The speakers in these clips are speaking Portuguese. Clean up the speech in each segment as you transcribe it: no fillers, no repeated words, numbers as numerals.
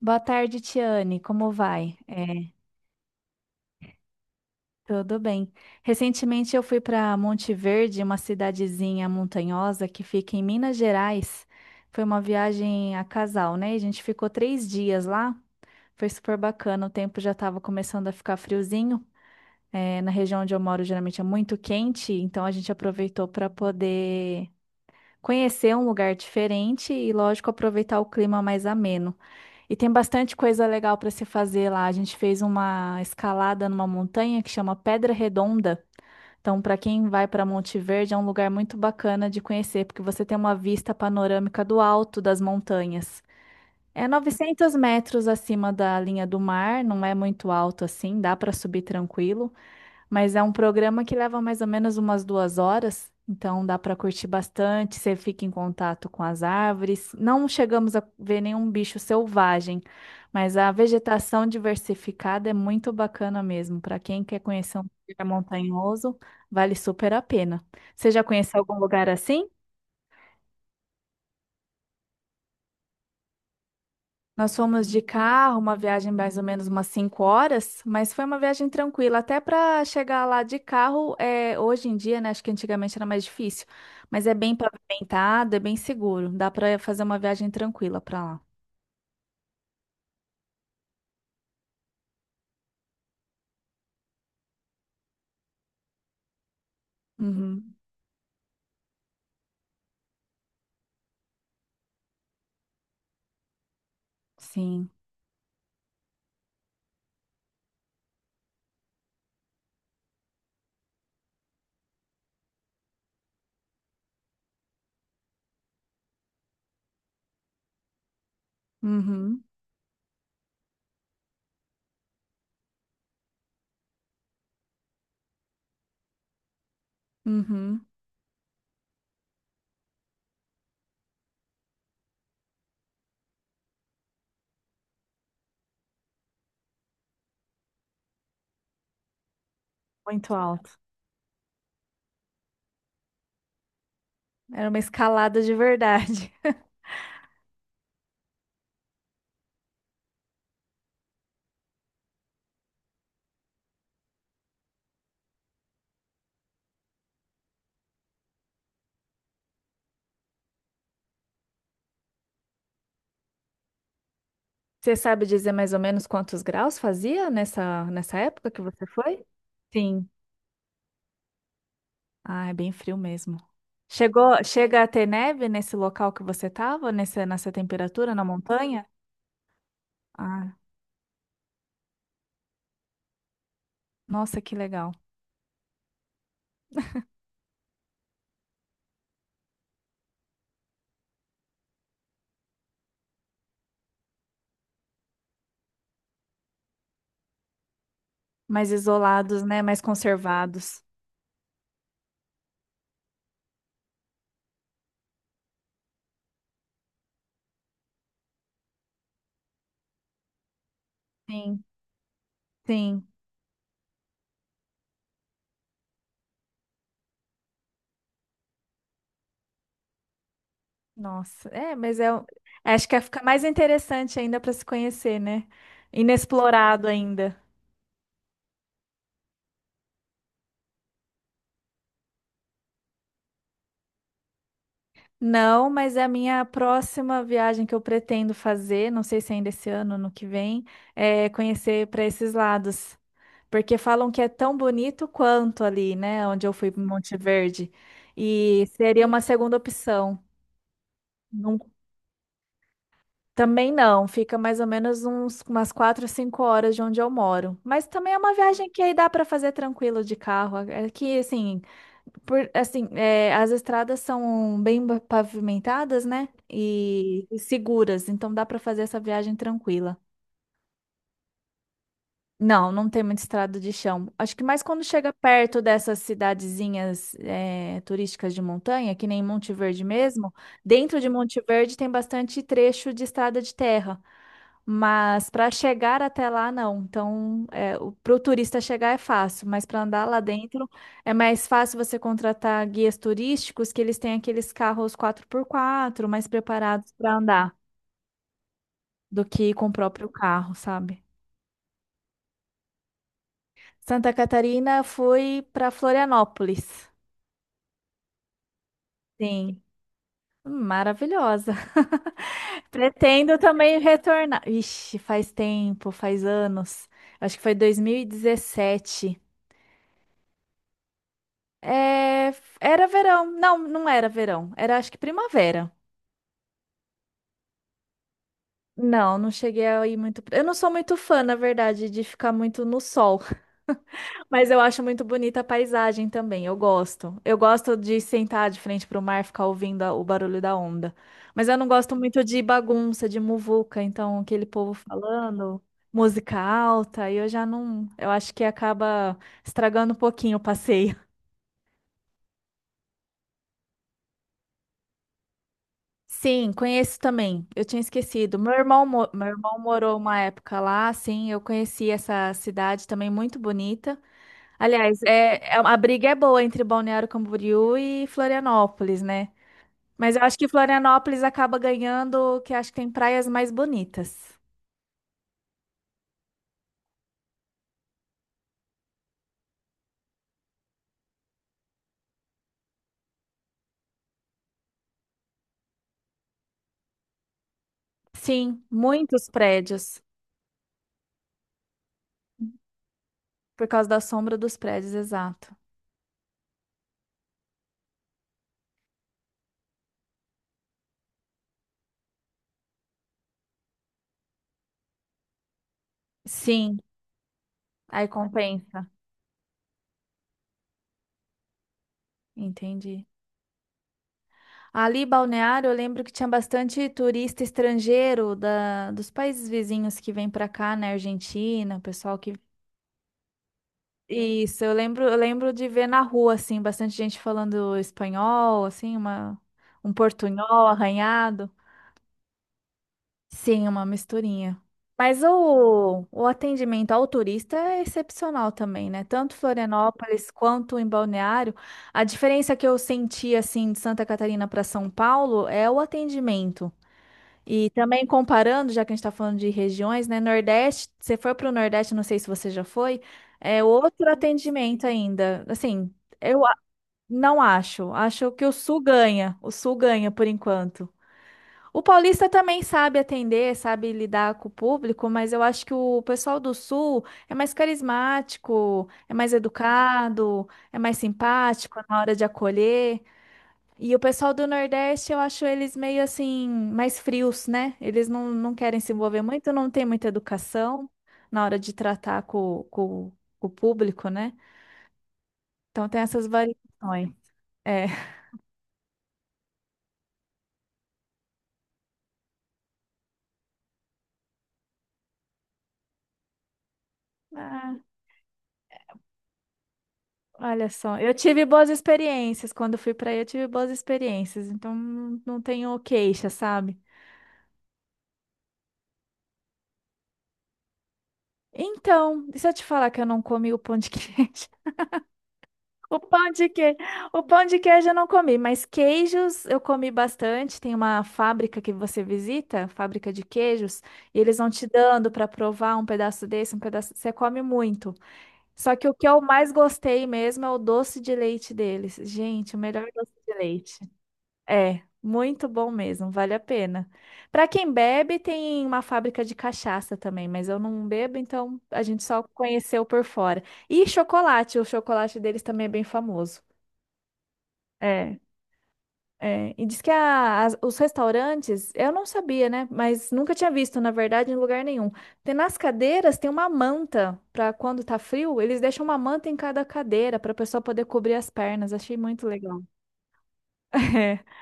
Boa tarde, Tiane. Como vai? É, tudo bem. Recentemente eu fui para Monte Verde, uma cidadezinha montanhosa que fica em Minas Gerais. Foi uma viagem a casal, né? A gente ficou 3 dias lá. Foi super bacana. O tempo já estava começando a ficar friozinho. É, na região onde eu moro, geralmente é muito quente, então a gente aproveitou para poder conhecer um lugar diferente e, lógico, aproveitar o clima mais ameno. E tem bastante coisa legal para se fazer lá. A gente fez uma escalada numa montanha que chama Pedra Redonda. Então, para quem vai para Monte Verde, é um lugar muito bacana de conhecer, porque você tem uma vista panorâmica do alto das montanhas. É 900 metros acima da linha do mar, não é muito alto assim, dá para subir tranquilo. Mas é um programa que leva mais ou menos umas 2 horas, então dá para curtir bastante. Você fica em contato com as árvores. Não chegamos a ver nenhum bicho selvagem, mas a vegetação diversificada é muito bacana mesmo. Para quem quer conhecer um lugar montanhoso, vale super a pena. Você já conheceu algum lugar assim? Nós fomos de carro, uma viagem mais ou menos umas 5 horas, mas foi uma viagem tranquila. Até para chegar lá de carro, é, hoje em dia, né? Acho que antigamente era mais difícil, mas é bem pavimentado, é bem seguro. Dá para fazer uma viagem tranquila para lá. Uhum, sim. Uhum, uhum. Muito alto. Era uma escalada de verdade. Você sabe dizer mais ou menos quantos graus fazia nessa época que você foi? Sim. Ah, é bem frio mesmo. Chega a ter neve nesse local que você estava, nessa temperatura, na montanha? Ah, nossa, que legal. Mais isolados, né? Mais conservados. Sim, sim. Nossa, é, mas é, acho que é, fica mais interessante ainda para se conhecer, né? Inexplorado ainda. Não, mas é a minha próxima viagem que eu pretendo fazer, não sei se ainda esse ano, no que vem, é conhecer para esses lados. Porque falam que é tão bonito quanto ali, né? Onde eu fui em Monte Verde. E seria uma segunda opção. Não- também não, fica mais ou menos umas 4, 5 horas de onde eu moro. Mas também é uma viagem que aí dá para fazer tranquilo de carro. É que, assim, por, assim, é, as estradas são bem pavimentadas, né? E seguras, então dá para fazer essa viagem tranquila. Não tem muita estrada de chão. Acho que mais quando chega perto dessas cidadezinhas turísticas de montanha, que nem Monte Verde mesmo, dentro de Monte Verde tem bastante trecho de estrada de terra. Mas para chegar até lá, não. Então, para o turista chegar é fácil, mas para andar lá dentro é mais fácil você contratar guias turísticos que eles têm aqueles carros 4x4 mais preparados para andar do que com o próprio carro, sabe? Santa Catarina, fui para Florianópolis. Sim. Maravilhosa. Pretendo também retornar. Ixi, faz tempo, faz anos. Acho que foi 2017. É, era verão. Não era verão. Era acho que primavera. Não cheguei a ir muito. Eu não sou muito fã, na verdade, de ficar muito no sol. Mas eu acho muito bonita a paisagem também, eu gosto. Eu gosto de sentar de frente para o mar, ficar ouvindo o barulho da onda. Mas eu não gosto muito de bagunça, de muvuca, então aquele povo falando, música alta, e eu já não, eu acho que acaba estragando um pouquinho o passeio. Sim, conheço também. Eu tinha esquecido. Meu irmão morou uma época lá, sim, eu conheci essa cidade também muito bonita. Aliás, é, a briga é boa entre Balneário Camboriú e Florianópolis, né? Mas eu acho que Florianópolis acaba ganhando, que acho que tem praias mais bonitas. Sim, muitos prédios. Por causa da sombra dos prédios, exato. Sim, aí compensa. Entendi. Ali, Balneário, eu lembro que tinha bastante turista estrangeiro dos países vizinhos que vem pra cá, né? Argentina, o pessoal que. Isso, eu lembro de ver na rua, assim, bastante gente falando espanhol, assim, um portunhol arranhado. Sim, uma misturinha. Mas o atendimento ao turista é excepcional também, né? Tanto Florianópolis quanto em Balneário. A diferença que eu senti, assim, de Santa Catarina para São Paulo é o atendimento. E também comparando, já que a gente está falando de regiões, né? Nordeste, você foi para o Nordeste, não sei se você já foi, é outro atendimento ainda. Assim, eu não acho. Acho que o Sul ganha. O Sul ganha por enquanto. O paulista também sabe atender, sabe lidar com o público, mas eu acho que o pessoal do sul é mais carismático, é mais educado, é mais simpático na hora de acolher. E o pessoal do Nordeste, eu acho eles meio assim, mais frios, né? Eles não querem se envolver muito, não tem muita educação na hora de tratar com, com o público, né? Então tem essas variações. É. Olha só, eu tive boas experiências. Quando fui pra aí, eu tive boas experiências. Então, não tenho queixa, sabe? Então, e se eu te falar que eu não comi o pão de queijo? O pão de queijo, o pão de queijo eu não comi, mas queijos eu comi bastante. Tem uma fábrica que você visita, fábrica de queijos, e eles vão te dando para provar um pedaço desse, um pedaço. Você come muito. Só que o que eu mais gostei mesmo é o doce de leite deles. Gente, o melhor doce de leite. É, muito bom mesmo, vale a pena. Para quem bebe, tem uma fábrica de cachaça também, mas eu não bebo, então a gente só conheceu por fora. E chocolate, o chocolate deles também é bem famoso. É, é. E diz que os restaurantes, eu não sabia, né? Mas nunca tinha visto, na verdade, em lugar nenhum. Tem nas cadeiras tem uma manta para quando tá frio, eles deixam uma manta em cada cadeira para a pessoa poder cobrir as pernas. Achei muito legal.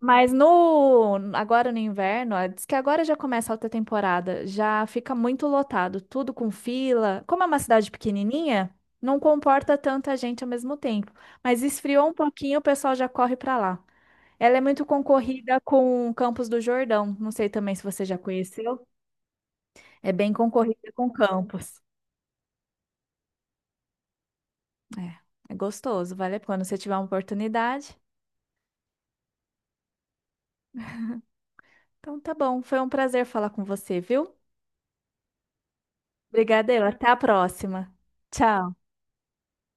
Mas agora no inverno, ó, diz que agora já começa a alta temporada, já fica muito lotado, tudo com fila. Como é uma cidade pequenininha, não comporta tanta gente ao mesmo tempo. Mas esfriou um pouquinho, o pessoal já corre para lá. Ela é muito concorrida com Campos do Jordão. Não sei também se você já conheceu. É bem concorrida com Campos. É gostoso, vale a pena. Se você tiver uma oportunidade. Então tá bom, foi um prazer falar com você, viu? Obrigada, eu. Até a próxima. Tchau.